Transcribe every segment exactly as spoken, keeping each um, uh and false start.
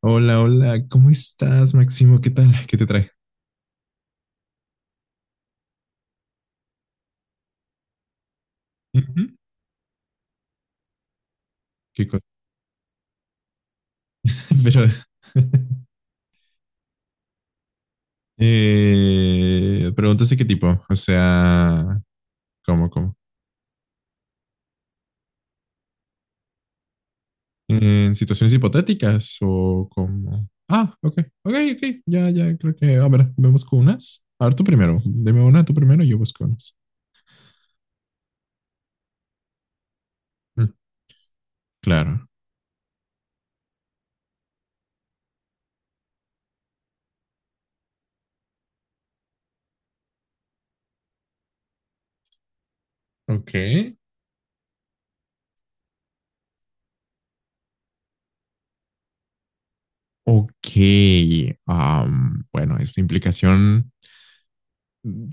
Hola, hola, ¿cómo estás, Máximo? ¿Qué tal? ¿Qué te trae? Ujú. ¿Qué cosa? Pero, eh, preguntas de qué tipo, o sea, ¿cómo, cómo? ¿En situaciones hipotéticas o cómo? Ah, ok, ok, ok, ya, ya, creo que, a ver, me busco unas. A ver, tú primero, dime una tú primero y yo busco unas. Mm, claro, ok, ok, am, bueno, esta implicación...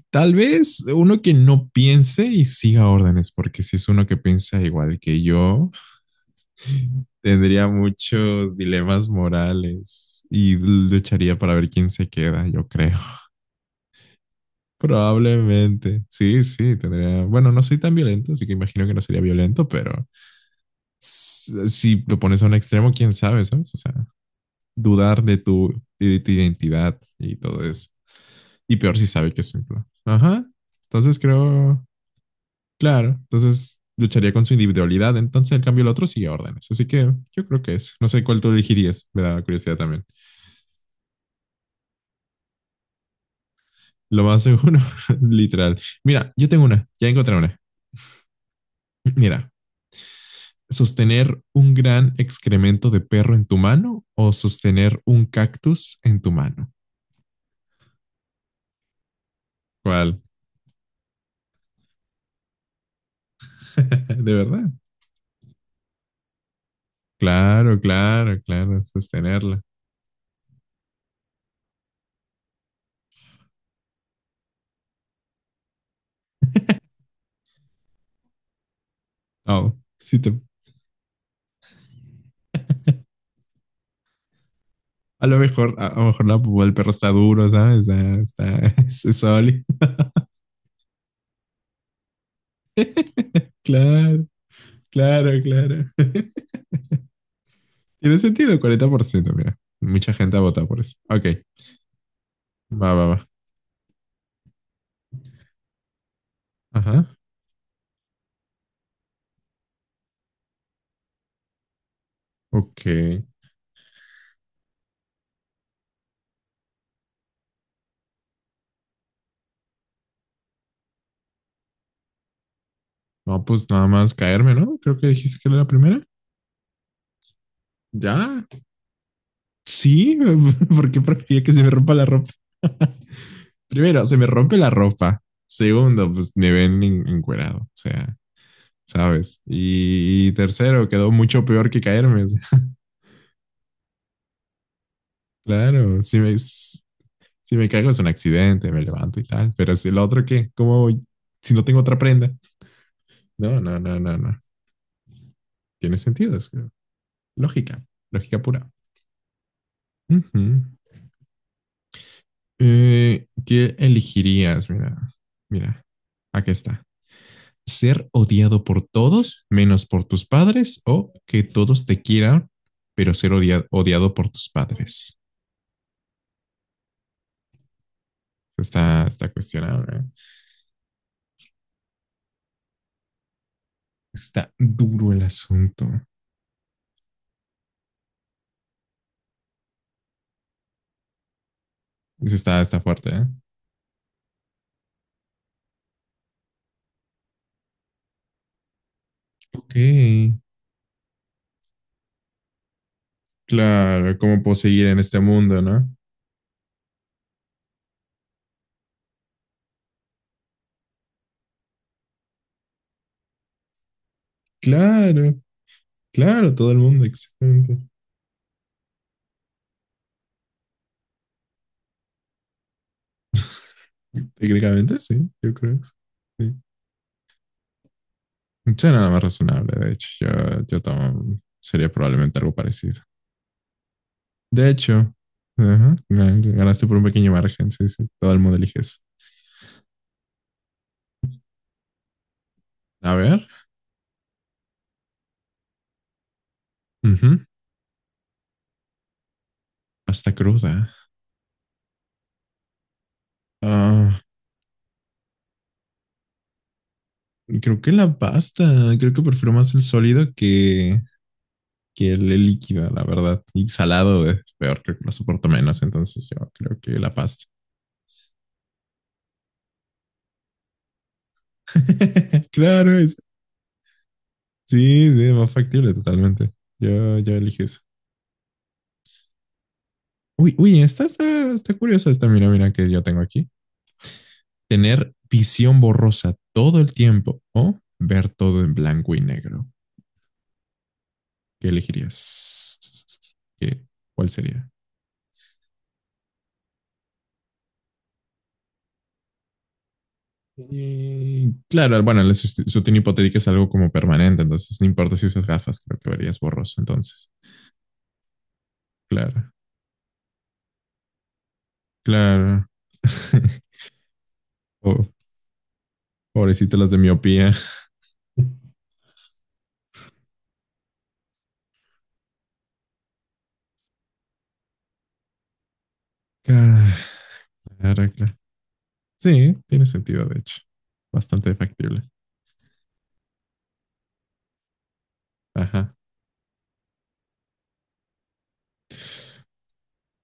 Tal vez uno que no piense y siga órdenes, porque si es uno que piensa igual que yo, tendría muchos dilemas morales y lucharía para ver quién se queda, yo creo. Probablemente. Sí, sí, tendría. Bueno, no soy tan violento, así que imagino que no sería violento, pero si lo pones a un extremo, quién sabe, ¿sabes? O sea, dudar de tu, de tu identidad y todo eso. Y peor si sabe que es un plan. Ajá. Entonces creo Claro, entonces lucharía con su individualidad, entonces en cambio el otro sigue órdenes. Así que yo creo que es. No sé cuál tú elegirías, me da curiosidad también. Lo más seguro, literal. Mira, yo tengo una, ya encontré una. Mira, sostener un gran excremento de perro en tu mano o sostener un cactus en tu mano. ¿Cuál? ¿De verdad? Claro, claro, claro, sostenerla. Oh, sí te... A lo mejor, a, a lo mejor la, el perro está duro, ¿sabes? Ah, está, es, es sólido. Claro, claro, claro. Tiene sentido, cuarenta por ciento, mira. Mucha gente ha votado por eso. Ok, va, va, va. Ajá, ok. No, pues nada más caerme, ¿no? Creo que dijiste que era la primera. Ya, sí, porque prefería que se me rompa la ropa. Primero, se me rompe la ropa. Segundo, pues me ven en- encuerado, o sea, ¿sabes? Y, y tercero, quedó mucho peor que caerme. Claro, si me, si me caigo es un accidente, me levanto y tal, pero si el otro qué, ¿cómo voy si no tengo otra prenda? No, no, no, no, no. Tiene sentido, es lógica, lógica pura. Ujú. Eh, ¿qué elegirías? Mira, mira, aquí está. ¿Ser odiado por todos menos por tus padres o que todos te quieran, pero ser odia- odiado por tus padres? Está, está cuestionable, ¿eh? Está duro el asunto. Está, está fuerte, ¿eh? Ok. Claro, cómo puedo seguir en este mundo, ¿no? Claro, claro, todo el mundo, exactamente. Técnicamente sí, yo creo que sí. Sí, suena nada más razonable, de hecho, yo, yo tomo- sería probablemente algo parecido. De hecho, ajá, gan- ganaste por un pequeño margen, sí, sí, todo el mundo elige eso. A ver, ujú, pasta cruda. Ah, creo que la pasta, creo que prefiero más el sólido que, que el, el líquido, la verdad. Y salado es peor, creo que lo soporto menos. Entonces yo creo que la pasta. Claro, es, sí, sí, más factible totalmente. Yo, yo elijo eso. Uy, uy, esta está, está curiosa, esta, mira, mira que yo tengo aquí. Tener visión borrosa todo el tiempo o ver todo en blanco y negro. ¿Qué elegirías? ¿Qué, ¿Cuál sería? Eh, claro, bueno, la sutión hipotética es algo como permanente, entonces no importa si usas gafas, creo que verías borroso entonces. Claro, claro. Po- Pobrecita las de miopía. Claro, claro, claro. Sí, tiene sentido, de hecho. Bastante factible. Ajá.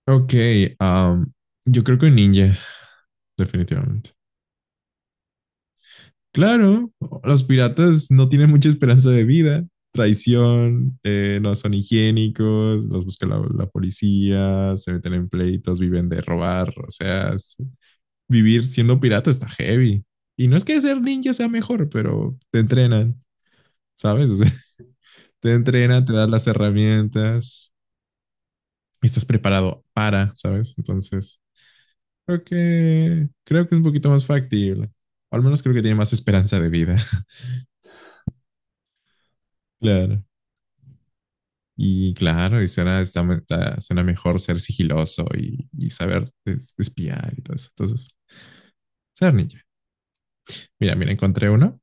Ok, am, yo creo que un ninja, definitivamente. Claro, los piratas no tienen mucha esperanza de vida. Traición, eh, no son higiénicos, los busca la, la policía, se meten en pleitos, viven de robar, o sea, es- vivir siendo pirata está heavy. Y no es que ser ninja sea mejor, pero te entrenan, ¿sabes? O sea, te entrenan, te dan las herramientas y estás preparado para, ¿sabes? Entonces, creo que, creo que es un poquito más factible. O al menos creo que tiene más esperanza de vida. Claro. Y claro, y suena, está- está- suena mejor ser sigiloso y, y saber es- espiar y todo eso. Entonces, ser ninja. Mira, mira, encontré uno.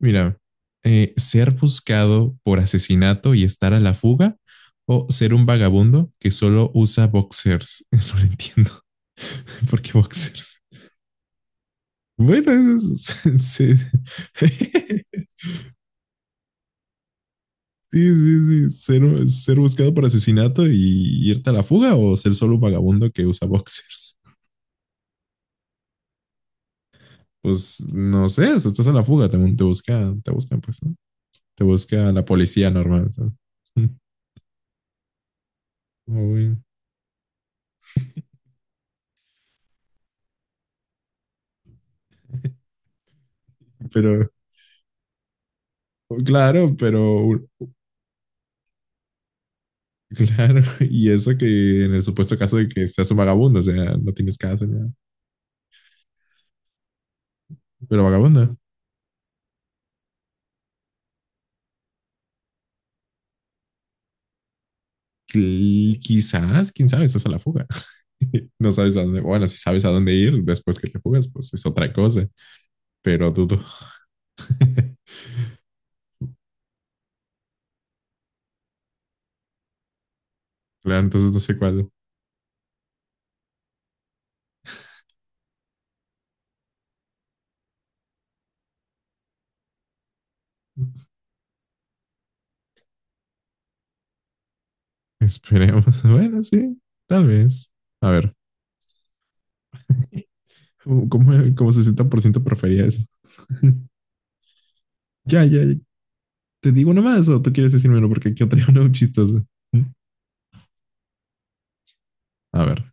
Mira, eh, ser buscado por asesinato y estar a la fuga o ser un vagabundo que solo usa boxers. No lo entiendo. ¿Por qué boxers? Bueno, eso es... sí, sí, sí. Ser, ser buscado por asesinato y irte a la fuga o ser solo un vagabundo que usa boxers. Pues no sé, si estás a la fuga, te, te buscan, te buscan, pues, ¿no? Te busca la policía normal, ¿sabes? Muy bien. Pero claro, pero claro, y eso que en el supuesto caso de que seas un vagabundo, o sea, no tienes casa, ni nada. Pero vagabundo, Qui- quizás, quién sabe, estás a la fuga. No sabes a dónde, bueno, si sabes a dónde ir después que te fugas, pues es otra cosa, pero dudo. Claro, entonces no sé cuál. Esperemos. Bueno, sí, tal vez. A ver, como, como como sesenta por ciento prefería eso. Ya, ya, ya. Te digo uno más o tú quieres decirme uno porque aquí traigo uno chistoso. A ver.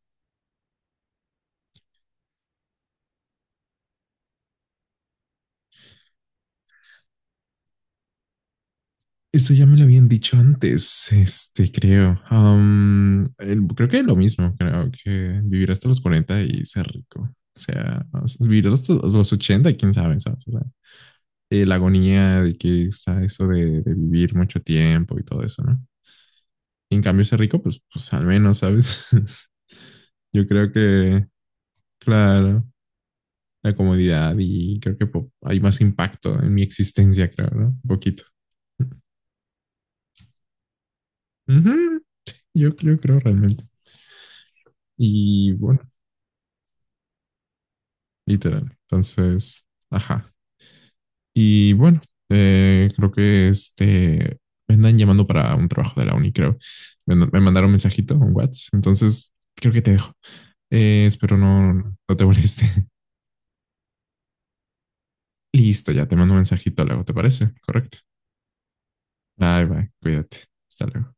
Esto ya me lo habían dicho antes, este, creo. Am, el- creo que lo mismo, creo que vivir hasta los cuarenta y ser rico. O sea, o sea, vivir hasta los ochenta, quién sabe, ¿sabes? O sea, eh, la agonía de que está eso de, de vivir mucho tiempo y todo eso, ¿no? Y en cambio, ser rico, pues, pues al menos, ¿sabes? Yo creo que, claro, la comodidad y creo que po- hay más impacto en mi existencia, creo, ¿no? Un poquito. Ujú, yo creo, creo realmente. Y bueno, literal. Entonces, ajá. Y bueno, eh, creo que este me andan llamando para un trabajo de la uni, creo. Me, me mandaron un mensajito, un WhatsApp. Entonces, creo que te dejo. Eh, espero no, no no, no te moleste. Listo, ya te mando un mensajito luego, ¿te parece? Correcto. Bye, bye. Cuídate. Hasta luego.